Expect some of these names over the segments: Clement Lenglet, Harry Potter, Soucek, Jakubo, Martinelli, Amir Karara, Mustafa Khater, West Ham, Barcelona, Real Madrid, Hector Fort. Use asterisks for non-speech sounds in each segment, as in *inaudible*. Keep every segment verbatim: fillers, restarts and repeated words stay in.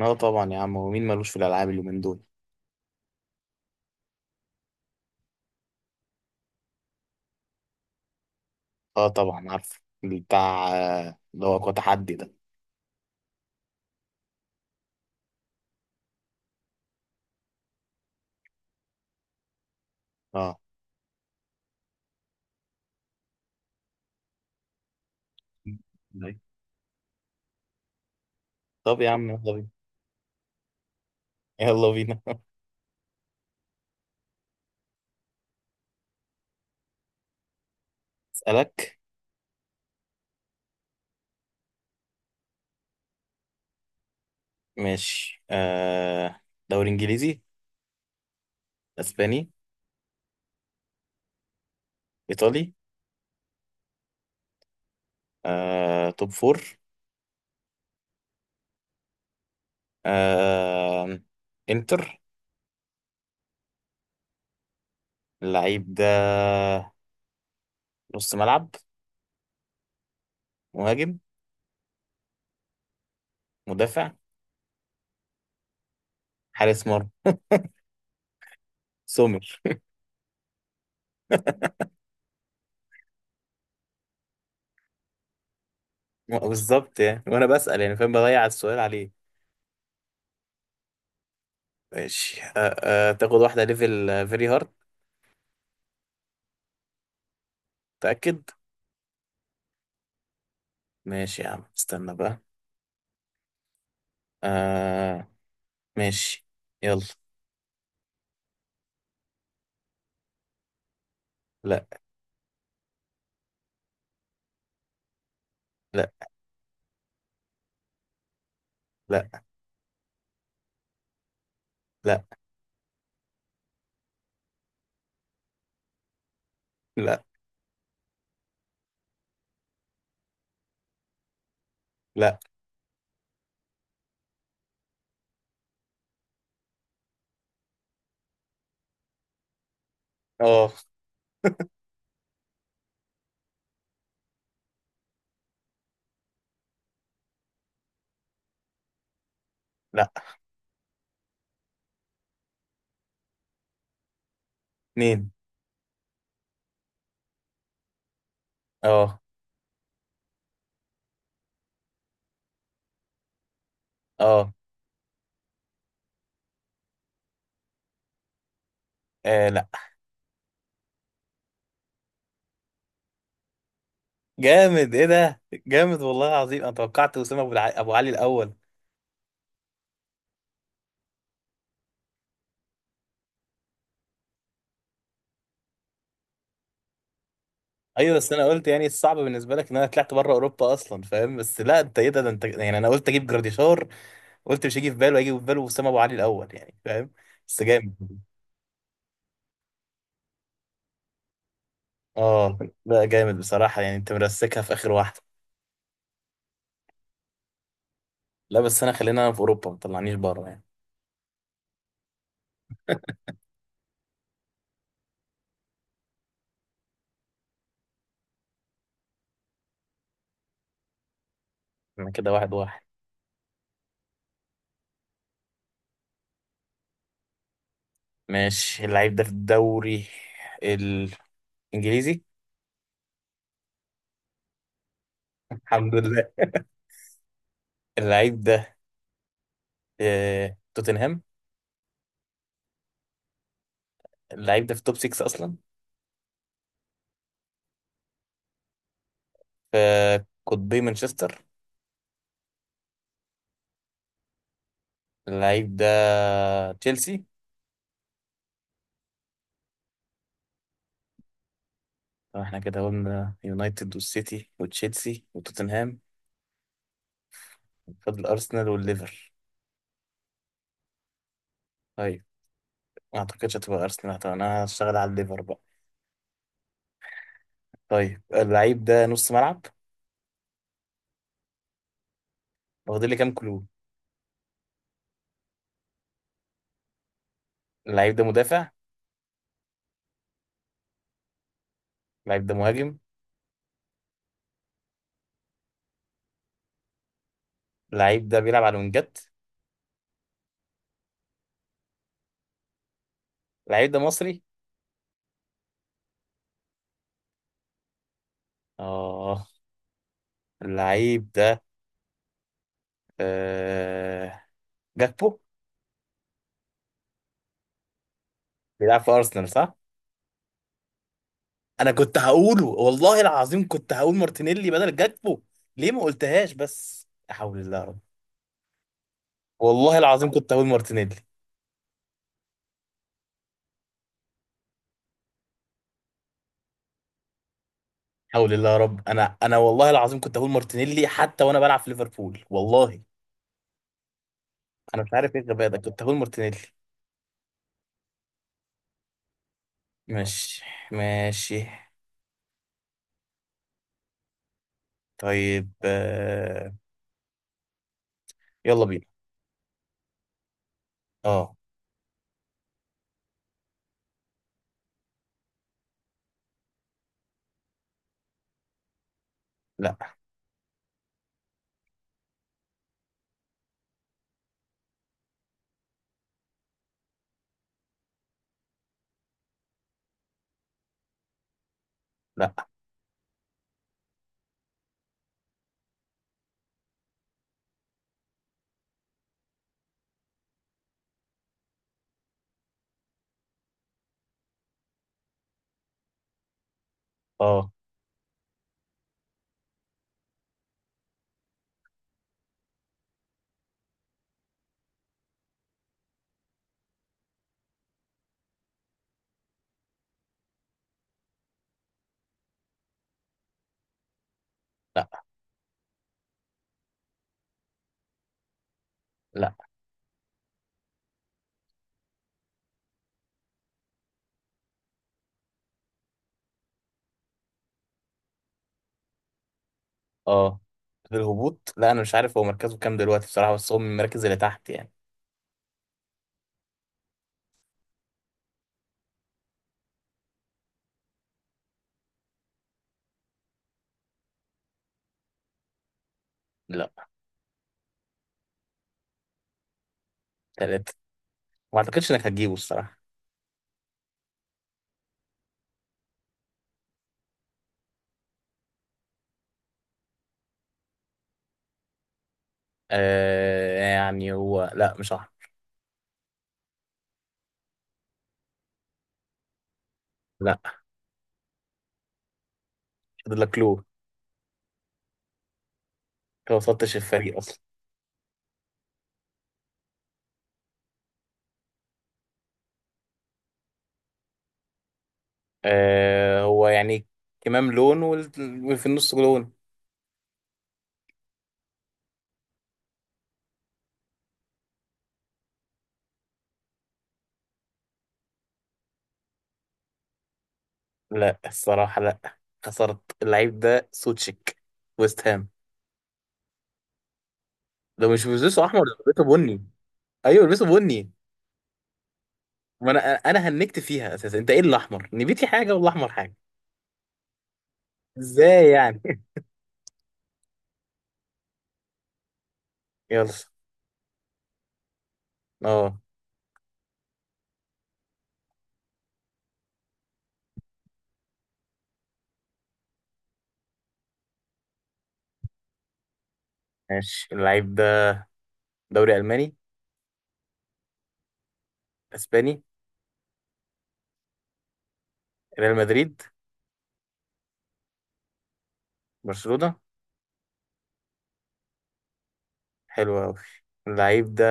اه طبعا يا عم، ومين مالوش في الالعاب اليومين دول. اه طبعا عارفه بتاع آه، اللي هو قوة تحدي ده. اه أيوة. طب يا عم يلا بينا. يلا بينا. *laughs* اسالك. ماشي آه. دوري انجليزي؟ اسباني؟ ايطالي؟ آه توب فور. آه انتر. اللعيب ده نص ملعب؟ مهاجم؟ مدافع؟ حارس مرمى. سومر. *laughs* بالظبط، يعني وانا بسال يعني فاهم بضيع السؤال عليه. ماشي أه. أه تاخد واحدة ليفل فيري هارد؟ متأكد؟ ماشي يا عم، استنى بقى. أه. ماشي. يلا. لا. لا. لا. لا. لا. لا. اه. لا. اتنين. اه. اه. آه، لا. جامد ايه ده. جامد والله العظيم، انا توقعت اسامه ابو الع- أبو علي الاول. ايوه، بس انا قلت يعني الصعب بالنسبه لك ان انا طلعت بره اوروبا اصلا، فاهم؟ بس لا، انت ايه ده، ده انت يعني. انا قلت اجيب جراديشار. قلت مش هيجي في باله، هيجي في باله اسامه ابو علي الاول، يعني فاهم. بس جامد. اه. لا جامد بصراحة، يعني انت مرسكها في اخر واحدة. لا بس انا، خلينا انا في اوروبا، ما طلعنيش بره يعني. انا كده واحد واحد. ماشي اللعيب ده في الدوري الانجليزي. الحمد لله. اللعيب ده في توتنهام؟ اللعيب ده في توب ستة اصلا؟ في قطبي مانشستر؟ اللعيب ده تشيلسي؟ طب احنا كده قلنا يونايتد والسيتي وتشيلسي وتوتنهام، فاضل ارسنال والليفر. طيب. ما اعتقدش هتبقى ارسنال، طب انا هشتغل على الليفر بقى. طيب، اللعيب ده نص ملعب؟ واخدين لي كام كلو؟ اللعيب ده مدافع؟ اللعيب ده مهاجم؟ اللعيب ده بيلعب على الوينجات؟ اللعيب ده مصري؟ اه. اللعيب ده آه... جاكبو. بيلعب في ارسنال صح؟ انا كنت هقوله، والله العظيم كنت هقول مارتينيلي بدل جاكبو. ليه ما قلتهاش؟ بس لا حول الله يا رب. والله العظيم كنت هقول مارتينيلي. حول الله يا رب، انا انا والله العظيم كنت هقول مارتينيلي، حتى وانا بلعب في ليفربول والله. انا مش عارف ايه الغباء ده، كنت هقول مارتينيلي. ماشي. ماشي. طيب آه، يلا بينا. اه. لا. لا. اه. لا. لا. اه. الهبوط، لا انا مش عارف هو مركزه كام دلوقتي بصراحة، بس هو من المراكز اللي تحت يعني. لا. تلاتة. ما اعتقدش انك هتجيبه الصراحة. آه يعني هو، لا مش صح. لا، فاضل لك لون. انت ما وصلتش الفريق اصلا. آه هو يعني كمام لون وال- وفي النص لون. لا الصراحة لا. خسرت. اللعيب ده سوتشيك، ويست هام. ده مش بيلبسوا احمر، ده بيلبسوا بني. ايوه بيلبسوا بني. ما انا انا هنكت فيها اساسا، انت ايه؟ الاحمر نبيتي حاجه والاحمر حاجه. ازاي يعني؟ *laughs* يلا. اه. ماشي اللعيب ده دوري الماني؟ اسباني؟ ريال مدريد؟ برشلونه؟ حلو قوي. اللعيب ده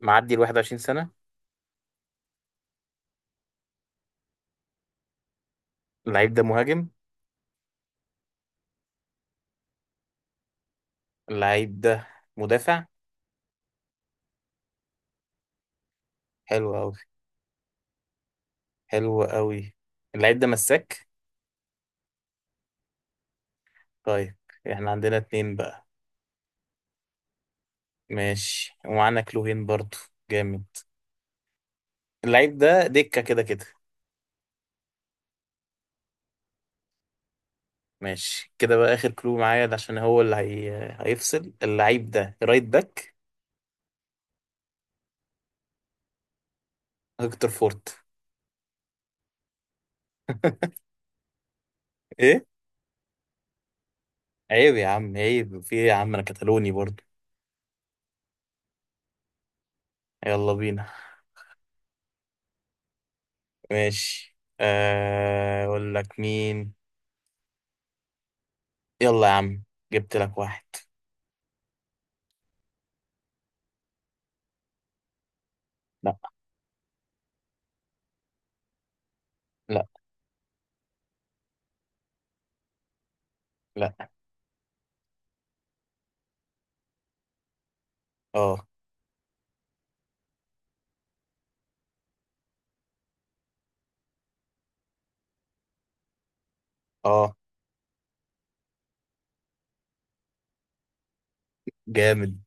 معدي ال واحد وعشرين سنه؟ اللعيب ده مهاجم؟ اللعيب ده مدافع؟ حلو قوي. حلو قوي. اللعيب ده مساك؟ طيب. احنا عندنا اتنين بقى. ماشي، ومعانا كلوهين برضو. جامد. اللعيب ده دكه كده كده؟ ماشي كده بقى، آخر كلو معايا ده عشان هو اللي هي... هيفصل. اللعيب ده رايت باك. هيكتور فورت. ايه؟ عيب يا عم، عيب في ايه يا عم، انا كتالوني برضو. يلا بينا. ماشي آه، اقول لك مين. يلا يا عم، جبت لك واحد. لا. لا. لا. اه. اه. جامد.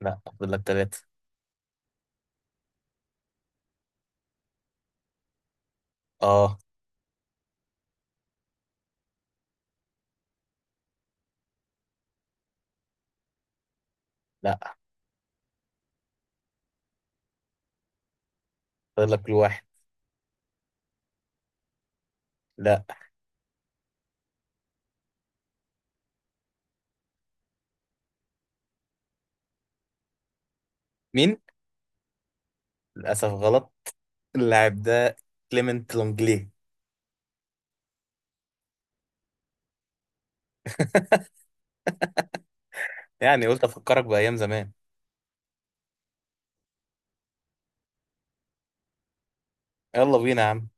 لا فاضل لك ثلاثة. اه. لا فاضل لك الواحد. لا. مين؟ للاسف غلط. اللاعب ده كليمنت لونجلي. يعني قلت افكرك بايام زمان. يلا بينا يا عم.